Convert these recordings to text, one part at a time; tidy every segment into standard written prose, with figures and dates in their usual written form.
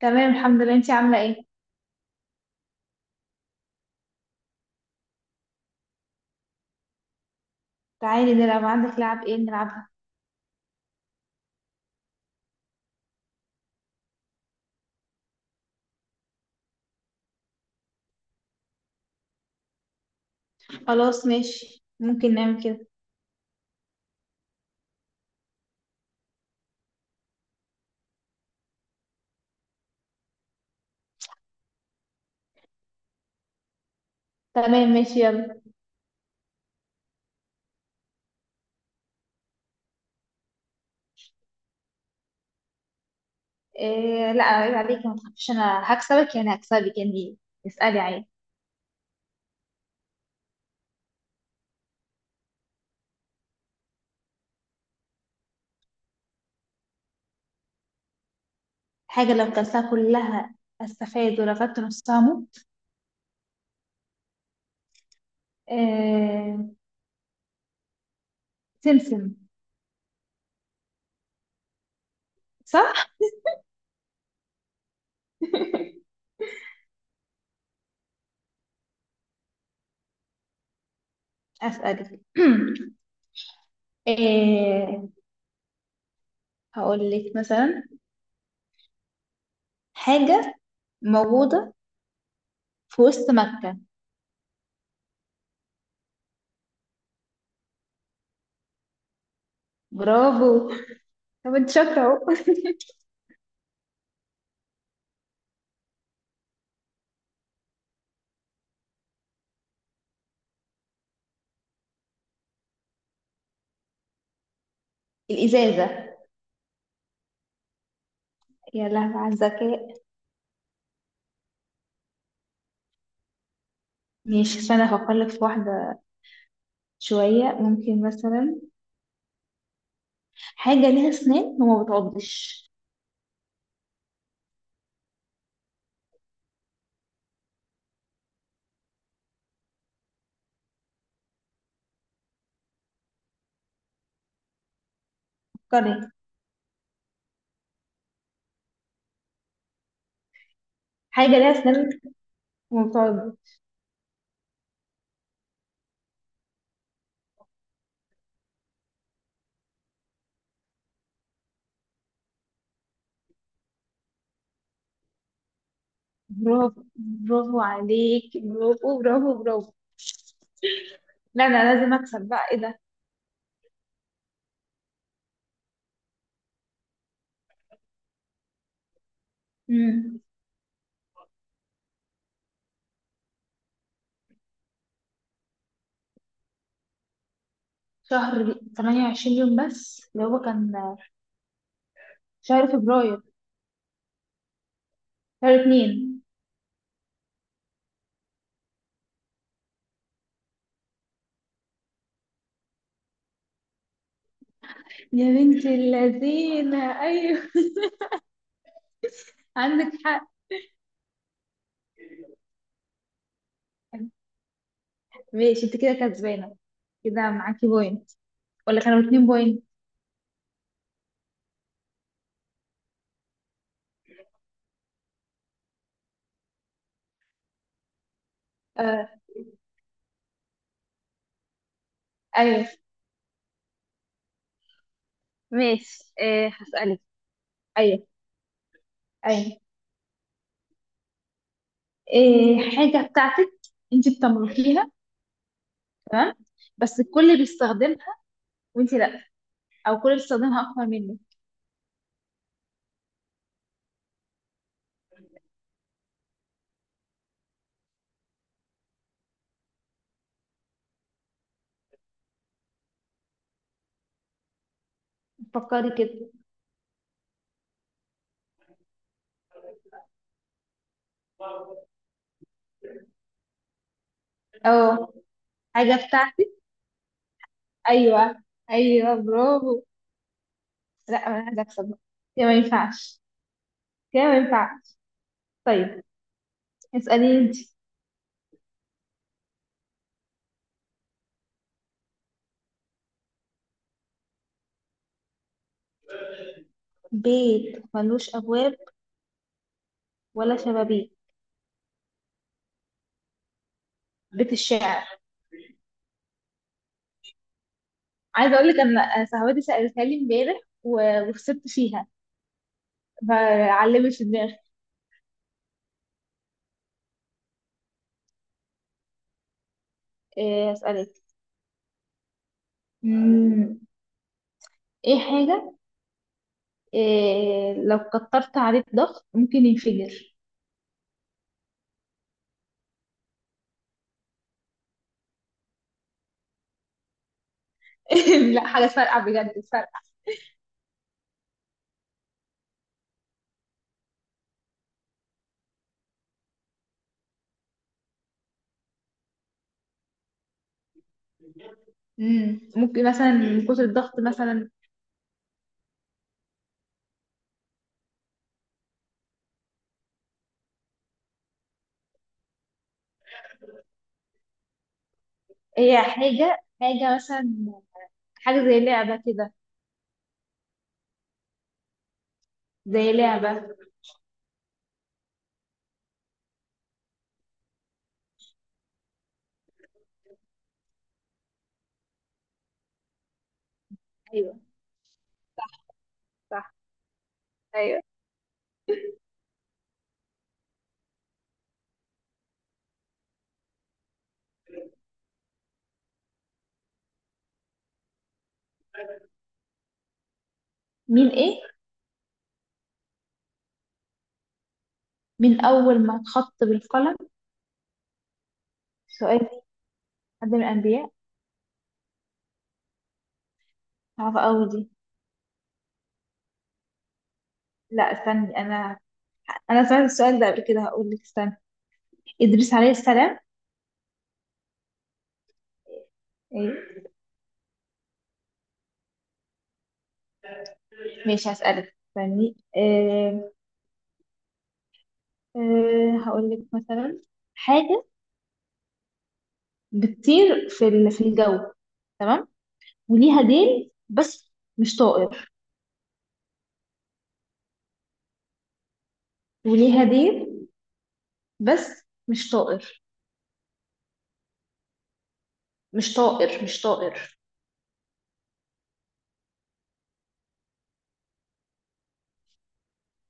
تمام، الحمد لله. انتي عاملة ايه؟ تعالي نلعب. عندك لعب ايه نلعبها؟ خلاص ماشي، ممكن نعمل كده. تمام ماشي، يلا. إيه، لا عيب عليكي، ما تخافيش. انا هكسبك يعني هكسبك يعني. اسألي عادي. حاجة لو كلتها كلها استفاد، ولو كلت نصها موت. إيه؟ سمسم. صح. اسألك. إيه، هقول لك مثلا حاجة موجودة في وسط مكة. برافو. طب انت شاطرة اهو. الإزازة. يا لهوي على الذكاء. ماشي، استنى افكر لك في واحدة. شوية. ممكن مثلا حاجة ليها اسنان وما بتعضش. فكري. حاجة ليها اسنان وما بتعضش. برافو، برافو عليك، برافو برافو برافو. لا، انا لازم اكسب بقى، ايه ده. امم شهر 28 يوم بس اللي هو كان شهر فبراير، شهر اتنين. يا بنت اللذينة، ايوه. عندك حق. ماشي، انت كده كسبانة. كده معاكي بوينت، ولا كانوا اتنين بوينت؟ آه. ايوه. ماشي. هسألك. ايوه، ايوه. إيه حاجة بتاعتك؟ انت بتملكيها. تمام. بس الكل بيستخدمها وانت لا، او الكل بيستخدمها اكتر منك. فكري كده. اه. حاجة بتاعتك، ايوه. ايوه، برافو. لا، انا عايزة اكسب بقى. كده ما ينفعش، كده ما ينفعش. طيب اسأليني انت. بيت ملوش ابواب ولا شبابيك؟ بيت الشعر. عايزه اقول لك ان صاحبتي سالتها لي امبارح وخسرت فيها، فعلمت في دماغي. إيه، اسالك. مم، ايه حاجه، إيه، لو كترت عليه الضغط ممكن ينفجر. لا، حاجه فارقه، بجد فارقه. ممكن مثلا من كتر الضغط مثلا. هي حاجه حاجه مثلا، حاجه زي لعبه كده، زي لعبه. ايوه صح. ايوه. مين؟ ايه؟ من اول ما اتخط بالقلم؟ سؤال. حد من الانبياء. عارفه قوي دي. لا، استني انا، انا سمعت السؤال ده قبل كده، هقول لك، استنى. ادريس عليه السلام. ايه. ماشي هسألك، استني. إيه، إيه، هقول لك مثلا حاجة بتطير في الجو، تمام، وليها ديل بس مش طائر. وليها ديل، بس مش طائر. مش طائر، مش طائر.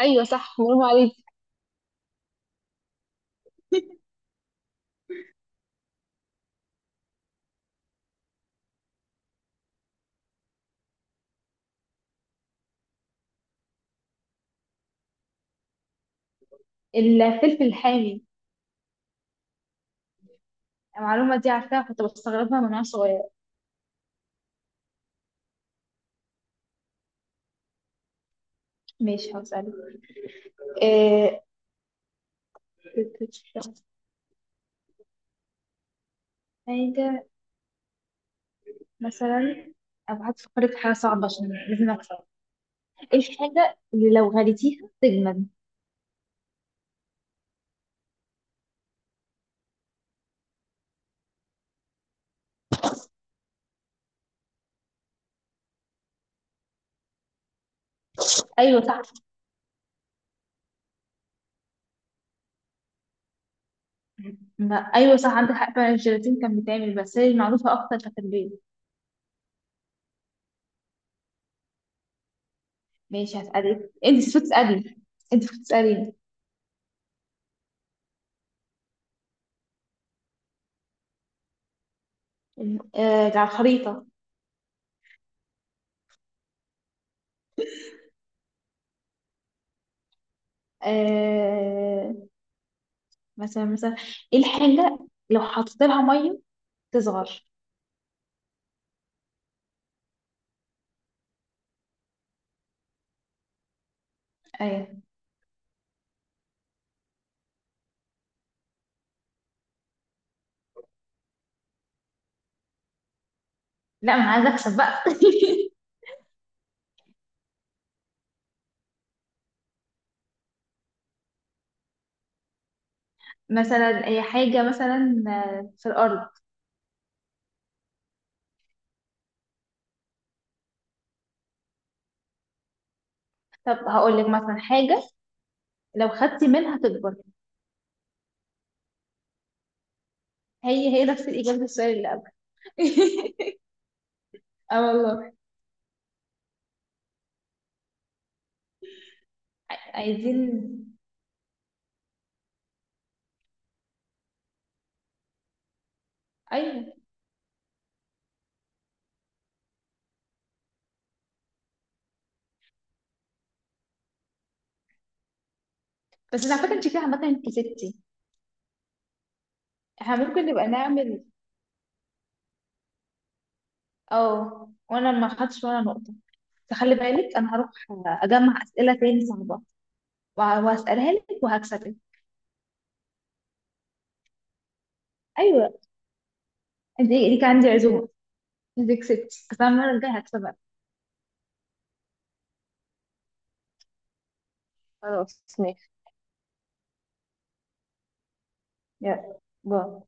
ايوه صح، برافو عليك. الفلفل الحامي. المعلومة دي عارفاها، كنت بستغربها من وانا صغير. ماشي هسألك. إيه، حاجة مثلا. ابقى هتفكري في حاجه صعبه عشان لازم اكسب. ايه الحاجه اللي لو غليتيها تجمد؟ ايوه صح. ما ايوه صح، عندك حق فعلا. الجيلاتين كان بيتعمل، بس هي المعروفه اكتر كانت البيض. ماشي هسألك. انت المفروض تسألي، انت المفروض تسأليني. آه، على الخريطه. آه، مثلا مثلا ايه الحاجه لو حطيت لها ميه تصغر؟ ايوه. لا، ما انا عايزه اكسب بقى. مثلا اي حاجه مثلا، في الارض. طب هقول لك مثلا حاجه، لو خدتي منها تكبر. هي هي نفس الإجابة السؤال اللي قبل. اه والله. عايزين. ايوه، بس على فكرة انت كده عامة، انت ستي. احنا ممكن نبقى نعمل. اه، وانا ما خدتش ولا نقطة، فخلي بالك، انا هروح اجمع اسئلة تاني صعبة وهسألها لك وهكسبك. ايوه. انت ليك عندي عزومة. انت كسبتي بس انا المرة الجاية هكسبك. خلاص ماشي. يلا، باي.